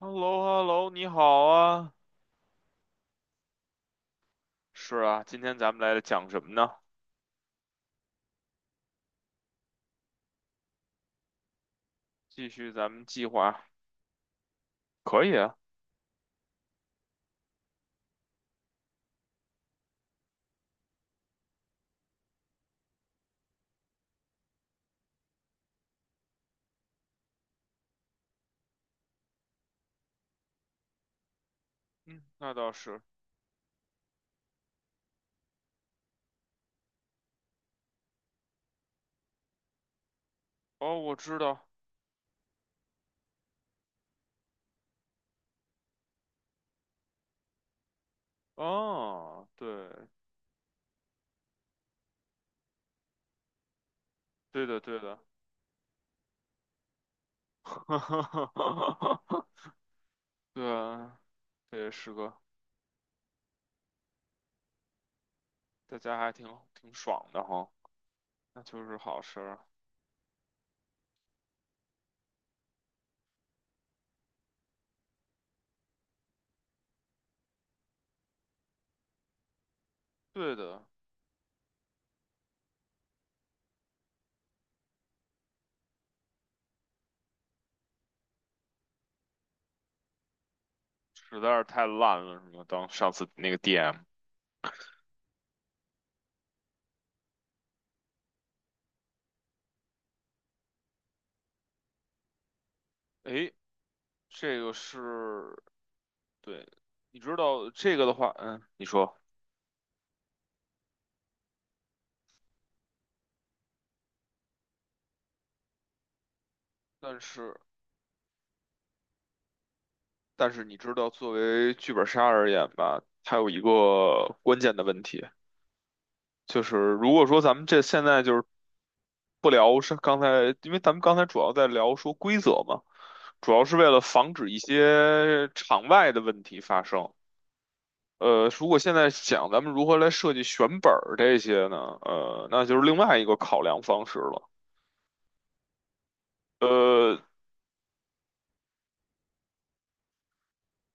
h e l l o h e l l o 你好啊。是啊，今天咱们来讲什么呢？继续咱们计划，可以啊。嗯，那倒是。哦，我知道。哦，对，对的，对的。对啊，这也是个在家还挺爽的哈，那就是好事儿。对的，实在是太烂了，什么当上次那个 DM，诶，这个是，对，你知道这个的话，嗯，你说，但是。但是你知道，作为剧本杀而言吧，它有一个关键的问题，就是如果说咱们这现在就是不聊是刚才，因为咱们刚才主要在聊说规则嘛，主要是为了防止一些场外的问题发生。如果现在想咱们如何来设计选本儿这些呢，那就是另外一个考量方式了。呃，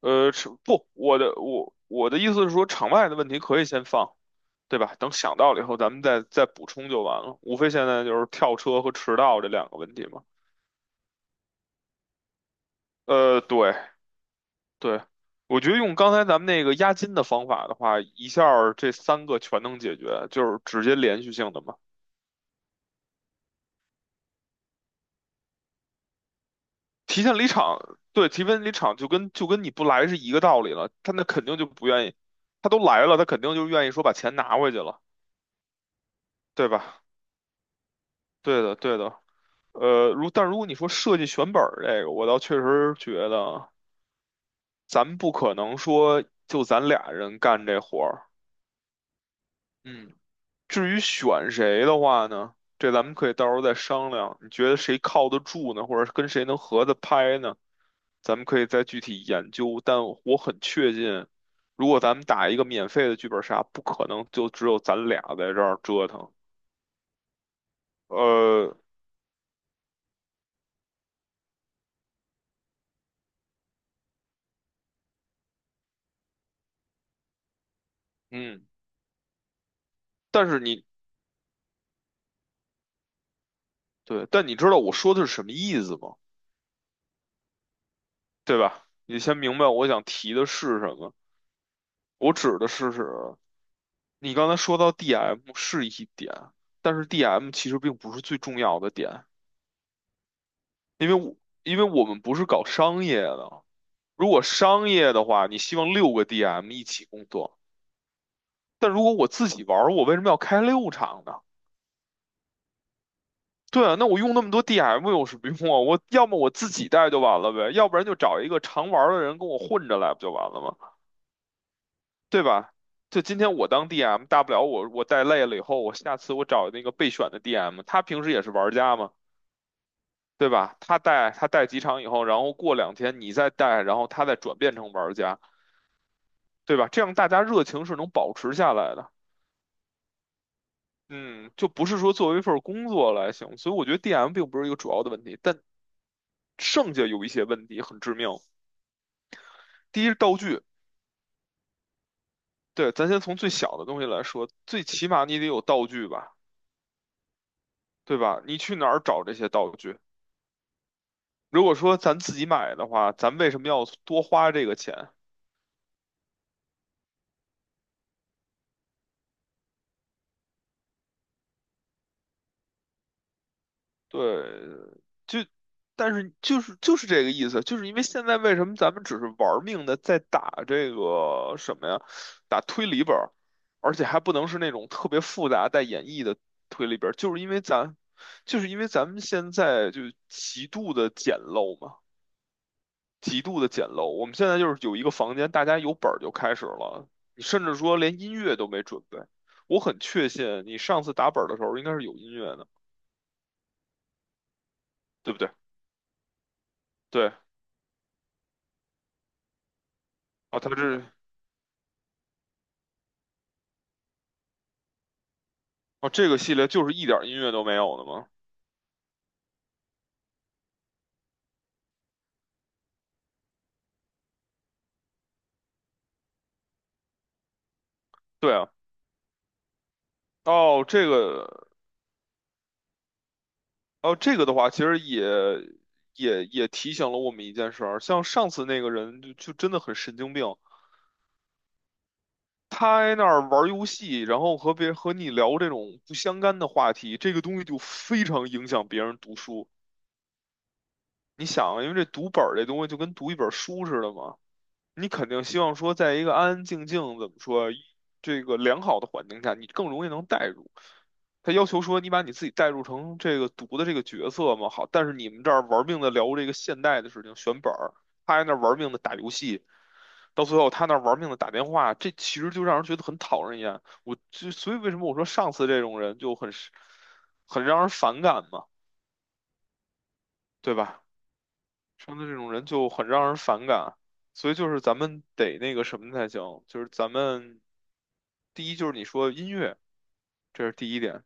是不，我的意思是说，场外的问题可以先放，对吧？等想到了以后，咱们再补充就完了。无非现在就是跳车和迟到这两个问题嘛。对对，我觉得用刚才咱们那个押金的方法的话，一下儿这三个全能解决，就是直接连续性的嘛。提前离场，对，提前离场就跟你不来是一个道理了。他那肯定就不愿意，他都来了，他肯定就愿意说把钱拿回去了，对吧？对的，对的。但如果你说设计选本儿这个，我倒确实觉得咱们不可能说就咱俩人干这活儿。嗯，至于选谁的话呢，这咱们可以到时候再商量。你觉得谁靠得住呢，或者跟谁能合得拍呢？咱们可以再具体研究。但我很确信，如果咱们打一个免费的剧本杀，不可能就只有咱俩在这儿折腾。呃，嗯，但是你对，但你知道我说的是什么意思吗？对吧？你先明白我想提的是什么。我指的是你刚才说到 DM 是一点，但是 DM 其实并不是最重要的点，因为我因为我们不是搞商业的。如果商业的话，你希望六个 DM 一起工作，但如果我自己玩儿，我为什么要开六场呢？对啊，那我用那么多 DM 有什么用啊？我要么我自己带就完了呗，要不然就找一个常玩儿的人跟我混着来不就完了吗？对吧？就今天我当 DM，大不了我带累了以后，我下次我找那个备选的 DM，他平时也是玩家嘛，对吧？他带几场以后，然后过2天你再带，然后他再转变成玩家，对吧？这样大家热情是能保持下来的。嗯，就不是说作为一份工作来行，所以我觉得 DM 并不是一个主要的问题，但剩下有一些问题很致命。第一是道具，对，咱先从最小的东西来说，最起码你得有道具吧，对吧？你去哪儿找这些道具？如果说咱自己买的话，咱为什么要多花这个钱？对，就，但是就是这个意思，就是因为现在为什么咱们只是玩命的在打这个什么呀，打推理本儿而且还不能是那种特别复杂带演绎的推理本儿就是因为咱们现在就极度的简陋嘛。极度的简陋。我们现在就是有一个房间，大家有本儿就开始了，你甚至说连音乐都没准备。我很确信你上次打本儿的时候应该是有音乐的，对不对？对，哦，它这哦这个系列就是一点儿音乐都没有的吗？对啊，哦这个哦这个的话，其实也提醒了我们一件事儿，像上次那个人就真的很神经病。他在那儿玩游戏，然后和别和你聊这种不相干的话题，这个东西就非常影响别人读书。你想啊，因为这读本儿这东西就跟读一本书似的嘛，你肯定希望说，在一个安安静静，怎么说，这个良好的环境下，你更容易能代入。他要求说，你把你自己代入成这个读的这个角色嘛，好，但是你们这儿玩命的聊这个现代的事情，选本儿，他在那儿玩命的打游戏，到最后他那儿玩命的打电话，这其实就让人觉得很讨人厌。我就所以为什么我说上次这种人就很让人反感嘛，对吧？生的这种人就很让人反感，所以就是咱们得那个什么才行，就是咱们第一就是你说音乐，这是第一点，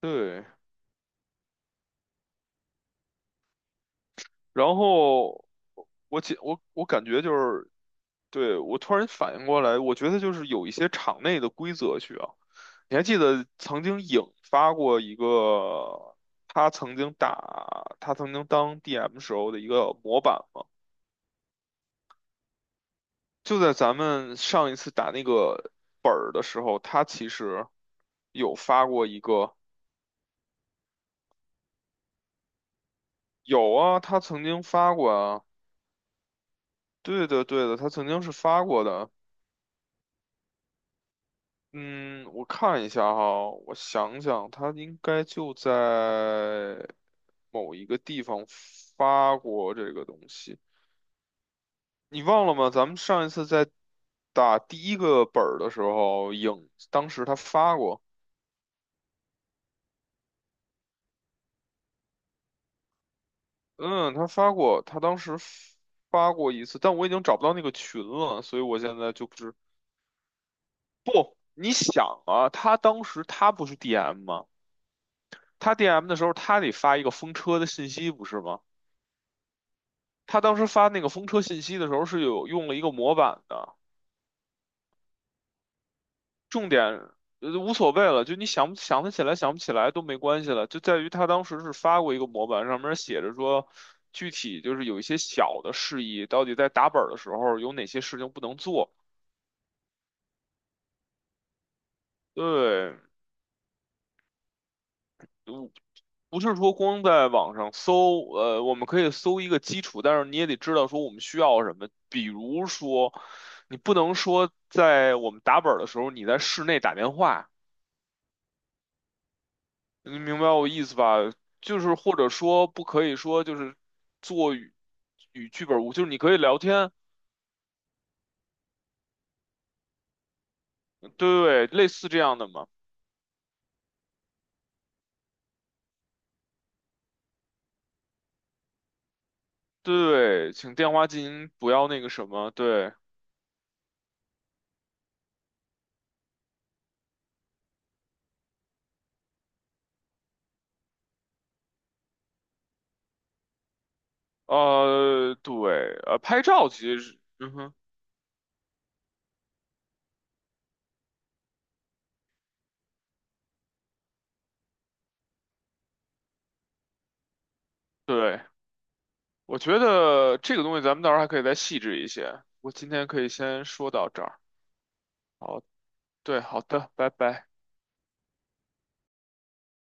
对，然后我解我我感觉就是，对，我突然反应过来，我觉得就是有一些场内的规则需要，你还记得曾经引发过一个他曾经当 DM 时候的一个模板吗？就在咱们上一次打那个本儿的时候，他其实有发过一个，有啊，他曾经发过啊，对的对的，他曾经是发过的。嗯，我看一下哈，我想想，他应该就在某一个地方发过这个东西。你忘了吗？咱们上一次在打第一个本儿的时候，当时他发过。嗯，他发过，他当时发过一次，但我已经找不到那个群了，所以我现在就不知。你想啊，他当时他不是 DM 吗？他 DM 的时候，他得发一个风车的信息，不是吗？他当时发那个风车信息的时候是有用了一个模板的，重点无所谓了，就你想不想得起来，想不起来都没关系了，就在于他当时是发过一个模板，上面写着说。具体就是有一些小的事宜，到底在打本儿的时候有哪些事情不能做？对，嗯，不是说光在网上搜，我们可以搜一个基础，但是你也得知道说我们需要什么。比如说，你不能说在我们打本儿的时候你在室内打电话，你明白我意思吧？就是或者说不可以说就是做与剧本无，就是你可以聊天，对，类似这样的嘛。对，请电话进行不要那个什么，对，对，拍照其实是，嗯哼，对。我觉得这个东西咱们到时候还可以再细致一些。我今天可以先说到这儿。好，对，好的，拜拜。